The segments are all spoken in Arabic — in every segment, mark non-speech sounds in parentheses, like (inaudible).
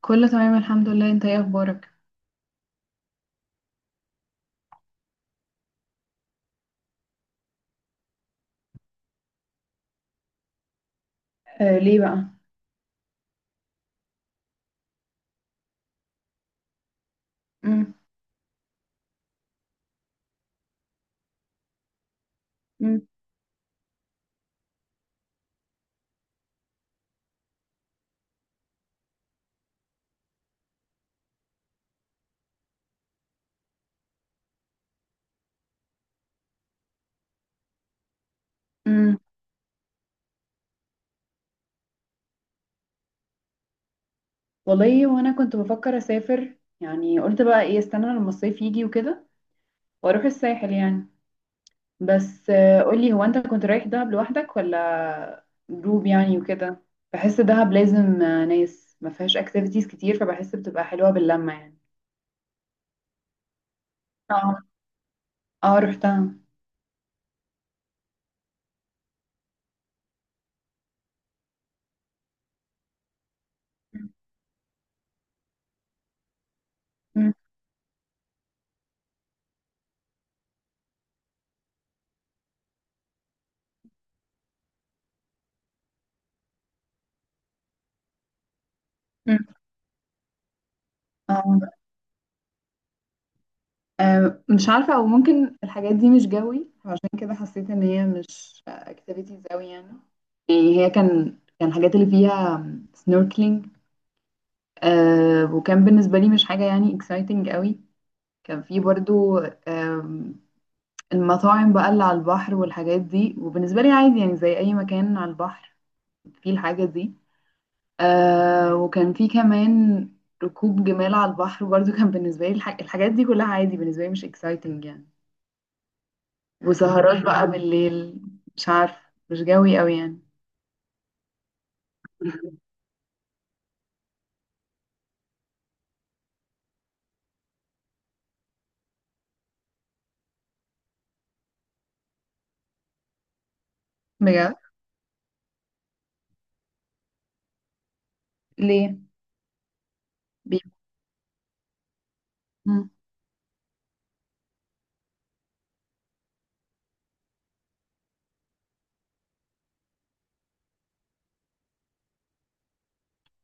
كله تمام الحمد لله، انت ايه اخبارك؟ آه، ليه بقى؟ مم. مم. مم. والله وانا كنت بفكر اسافر. يعني قلت بقى ايه، استنى لما الصيف يجي وكده، واروح الساحل يعني. بس آه، قولي، هو انت كنت رايح دهب لوحدك ولا جروب يعني وكده؟ بحس دهب لازم ناس، ما فيهاش اكتيفيتيز كتير، فبحس بتبقى حلوة باللمة يعني. اه، اه، رحتها. مم. مم. اه. مش عارفة، أو ممكن الحاجات دي مش جوي، عشان كده حسيت إن هي مش اكتيفيتيز أوي يعني. يعني هي كان الحاجات اللي فيها سنوركلينج، وكان بالنسبة لي مش حاجة يعني اكسايتنج قوي. كان في برضو، آم، المطاعم بقى اللي على البحر والحاجات دي، وبالنسبة لي عادي يعني، زي أي مكان على البحر فيه الحاجة دي. وكان في كمان ركوب جمال على البحر برضو (laughs) كان بالنسبة لي الحاجات دي كلها عادي، بالنسبة لي مش اكسايتنج يعني. وسهرات بقى بالليل، مش عارفة، مش جوي قوي يعني. بجد؟ ليه؟ بي... مم.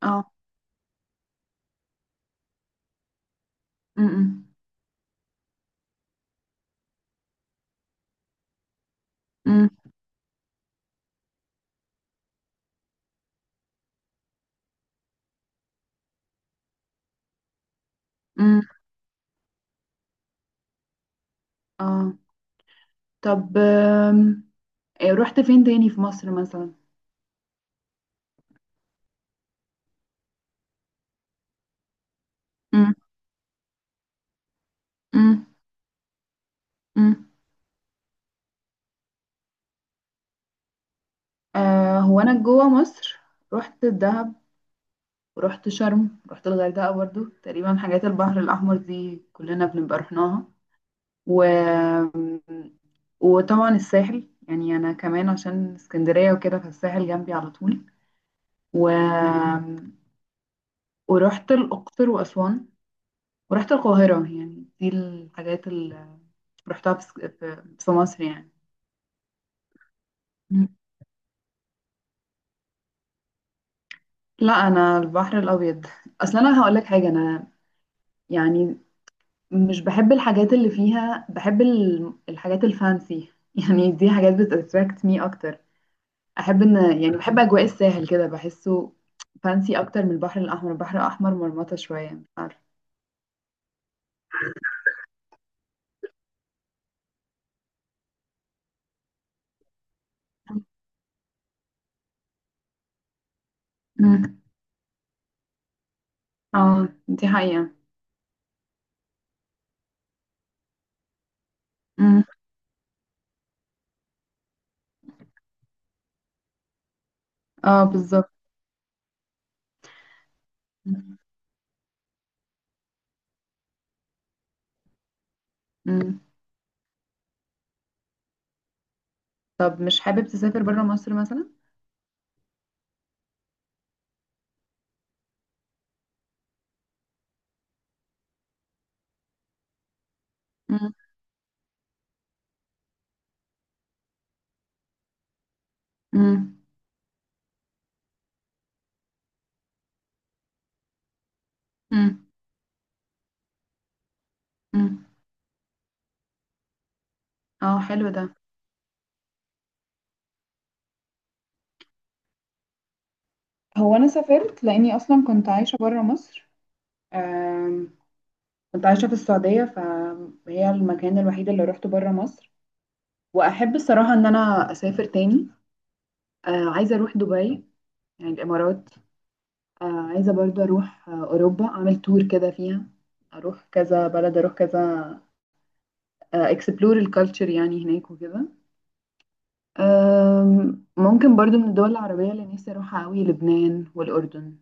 اه. مم. مم. مم. اه. طب، إيه، رحت فين تاني في مصر مثلا؟ مم. مم. مم. هو انا جوه مصر، رحت الدهب، ورحت شرم، رحت الغردقة برضو، تقريبا حاجات البحر الأحمر دي كلنا بنبقى رحناها. و... وطبعا الساحل، يعني انا كمان عشان اسكندرية وكده، فالساحل جنبي على طول. و... ورحت الأقصر وأسوان، ورحت القاهرة. يعني دي الحاجات اللي رحتها في س- في في مصر يعني. مم. لا، أنا البحر الأبيض. أصلا أنا هقولك حاجة، أنا يعني مش بحب الحاجات اللي فيها، بحب الحاجات الفانسي (laughs) يعني، دي حاجات بتأتراكت مي أكتر. أحب إن، يعني بحب أجواء الساحل كده، بحسه فانسي أكتر من البحر الأحمر. البحر الأحمر مرمطة شوية، مش عارفة. مم. اه، دي حقيقة. مم. اه، بالظبط. مم. طب مش حابب تسافر بره مصر مثلا؟ مم. مم. مم. مم. اه، حلو ده. هو انا سافرت لاني اصلا كنت عايشه بره مصر، آم، كنت عايشه في السعوديه، فهي المكان الوحيد اللي روحته بره مصر. واحب الصراحه ان انا اسافر تاني. عايزه اروح دبي، يعني الامارات. عايزه برضو اروح اوروبا، اعمل تور كده فيها، اروح كذا بلد، اروح كذا، اكسبلور الكالتشر يعني هناك وكده. ممكن برضو من الدول العربية اللي نفسي أروحها أوي لبنان والأردن.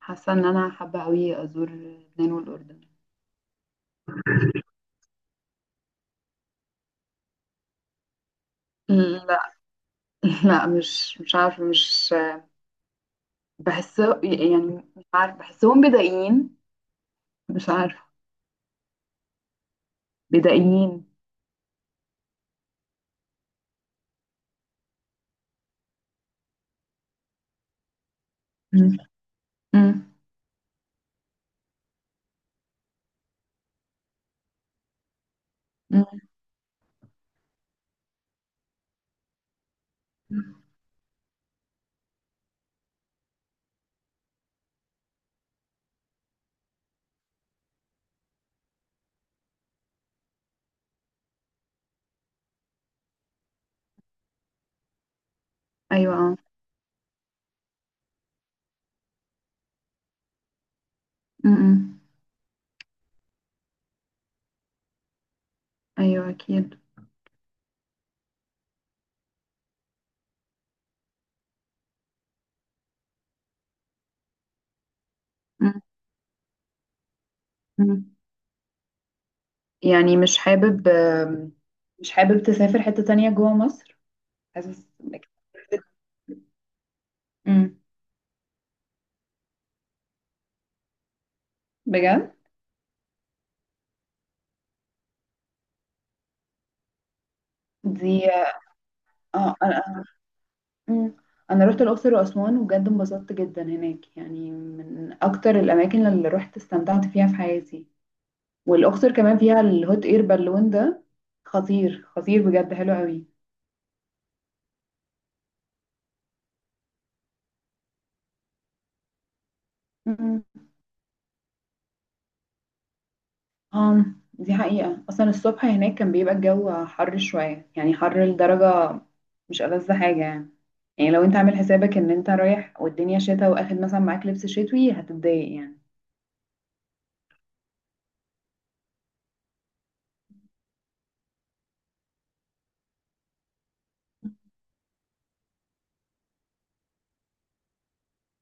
حاسة إن أنا حابة أوي أزور لبنان والأردن. لا (laughs) لا، مش عارفة، مش بحس يعني، مش عارفة، بحسهم بدائيين، مش عارفة، بدائيين. مم. مم. مم. أيوة، آه. مم. مم. أيوة، أكيد. مم. مم. يعني مش حابب تسافر حتة تانية جوا مصر؟ حاسس إنك- مم. بجد؟ دي. اه، انا أمم. انا رحت الاقصر واسوان، وبجد انبسطت جدا هناك، يعني من اكتر الاماكن اللي رحت استمتعت فيها في حياتي. والاقصر كمان فيها الهوت اير بالون ده، خطير خطير، بجد حلو قوي. أمم. اه، دي حقيقة، اصلا الصبح هناك كان بيبقى الجو حر شوية، يعني حر لدرجة مش ألذ حاجة يعني. يعني لو انت عامل حسابك ان انت رايح والدنيا شتا، واخد مثلا معاك لبس شتوي، هتتضايق يعني.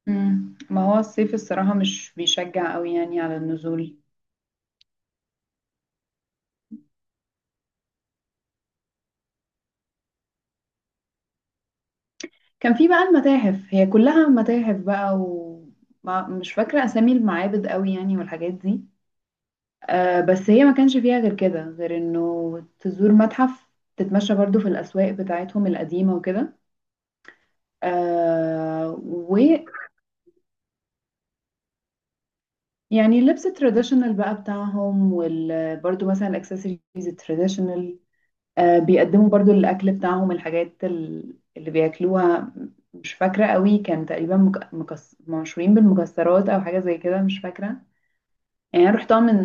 مم. ما هو الصيف الصراحة مش بيشجع قوي يعني على النزول. كان في بقى المتاحف، هي كلها متاحف بقى، ومش فاكرة أسامي المعابد قوي يعني والحاجات دي. بس هي ما كانش فيها غير كده، غير إنه تزور متحف، تتمشى برضو في الأسواق بتاعتهم القديمة وكده. ويعني اللبس التراديشنال بقى بتاعهم، وبرضو مثلا الأكسسوارز التراديشنال، بيقدموا برضو الأكل بتاعهم، الحاجات اللي بياكلوها. مش فاكرة قوي، كان تقريبا مشهورين بالمكسرات أو حاجة زي كده، مش فاكرة. يعني أنا رحتها من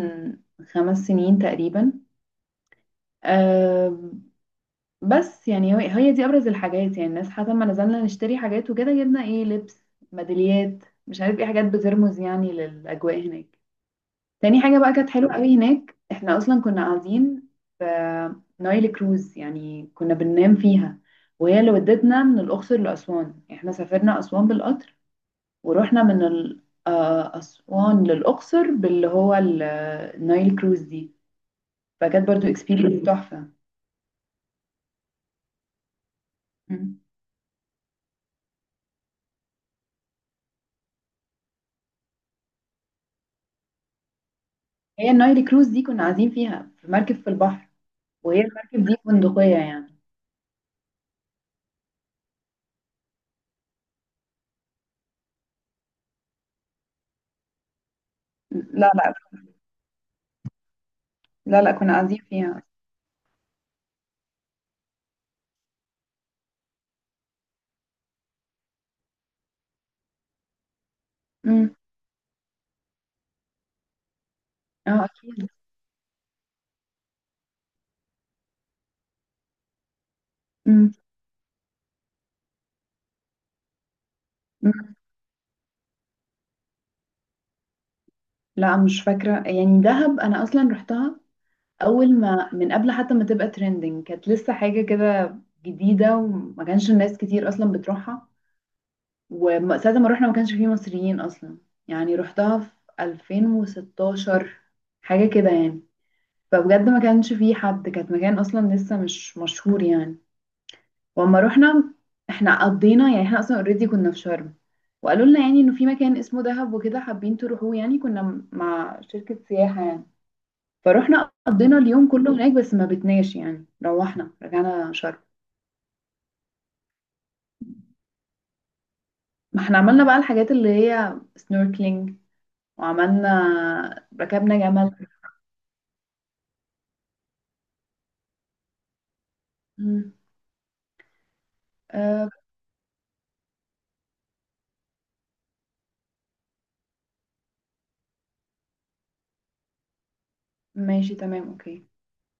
5 سنين تقريبا. أه، بس يعني، هي دي أبرز الحاجات، يعني الناس حتى ما نزلنا نشتري حاجات وكده، جبنا إيه، لبس، ميداليات، مش عارف إيه، حاجات بترمز يعني للأجواء هناك. تاني حاجة بقى كانت حلوة قوي هناك، احنا اصلا كنا قاعدين في نايل كروز، يعني كنا بننام فيها، وهي اللي ودتنا من الأقصر لأسوان. احنا سافرنا أسوان بالقطر، ورحنا من أسوان للأقصر باللي هو النايل كروز دي. فكانت برضو اكسبيرينس تحفة. مم. هي النايل كروز دي كنا قاعدين فيها في مركب في البحر، وهي المركب دي فندقية يعني. لا، لا، لا، لا، كنا قاعدين فيها. مم. اه، اكيد. مم. لا، مش فاكرة يعني، دهب أنا أصلا رحتها أول ما، من قبل حتى ما تبقى ترندنج، كانت لسه حاجة كده جديدة، وما كانش الناس كتير أصلا بتروحها. وساعة ما رحنا ما كانش فيه مصريين أصلا. يعني رحتها في 2016، حاجة كده يعني، فبجد ما كانش فيه حد، كانت مكان أصلا لسه مش مشهور يعني. وأما رحنا، احنا قضينا، يعني احنا أصلا اوريدي كنا في شرم، وقالوا لنا يعني إنه في مكان اسمه دهب وكده، حابين تروحوه، يعني كنا مع شركة سياحة يعني. فروحنا قضينا اليوم كله هناك، بس ما بتناش يعني، روحنا رجعنا شرم. ما احنا عملنا بقى الحاجات اللي هي سنوركلينج، وعملنا ركبنا جمل. مم. آه. ماشي، تمام، اوكي.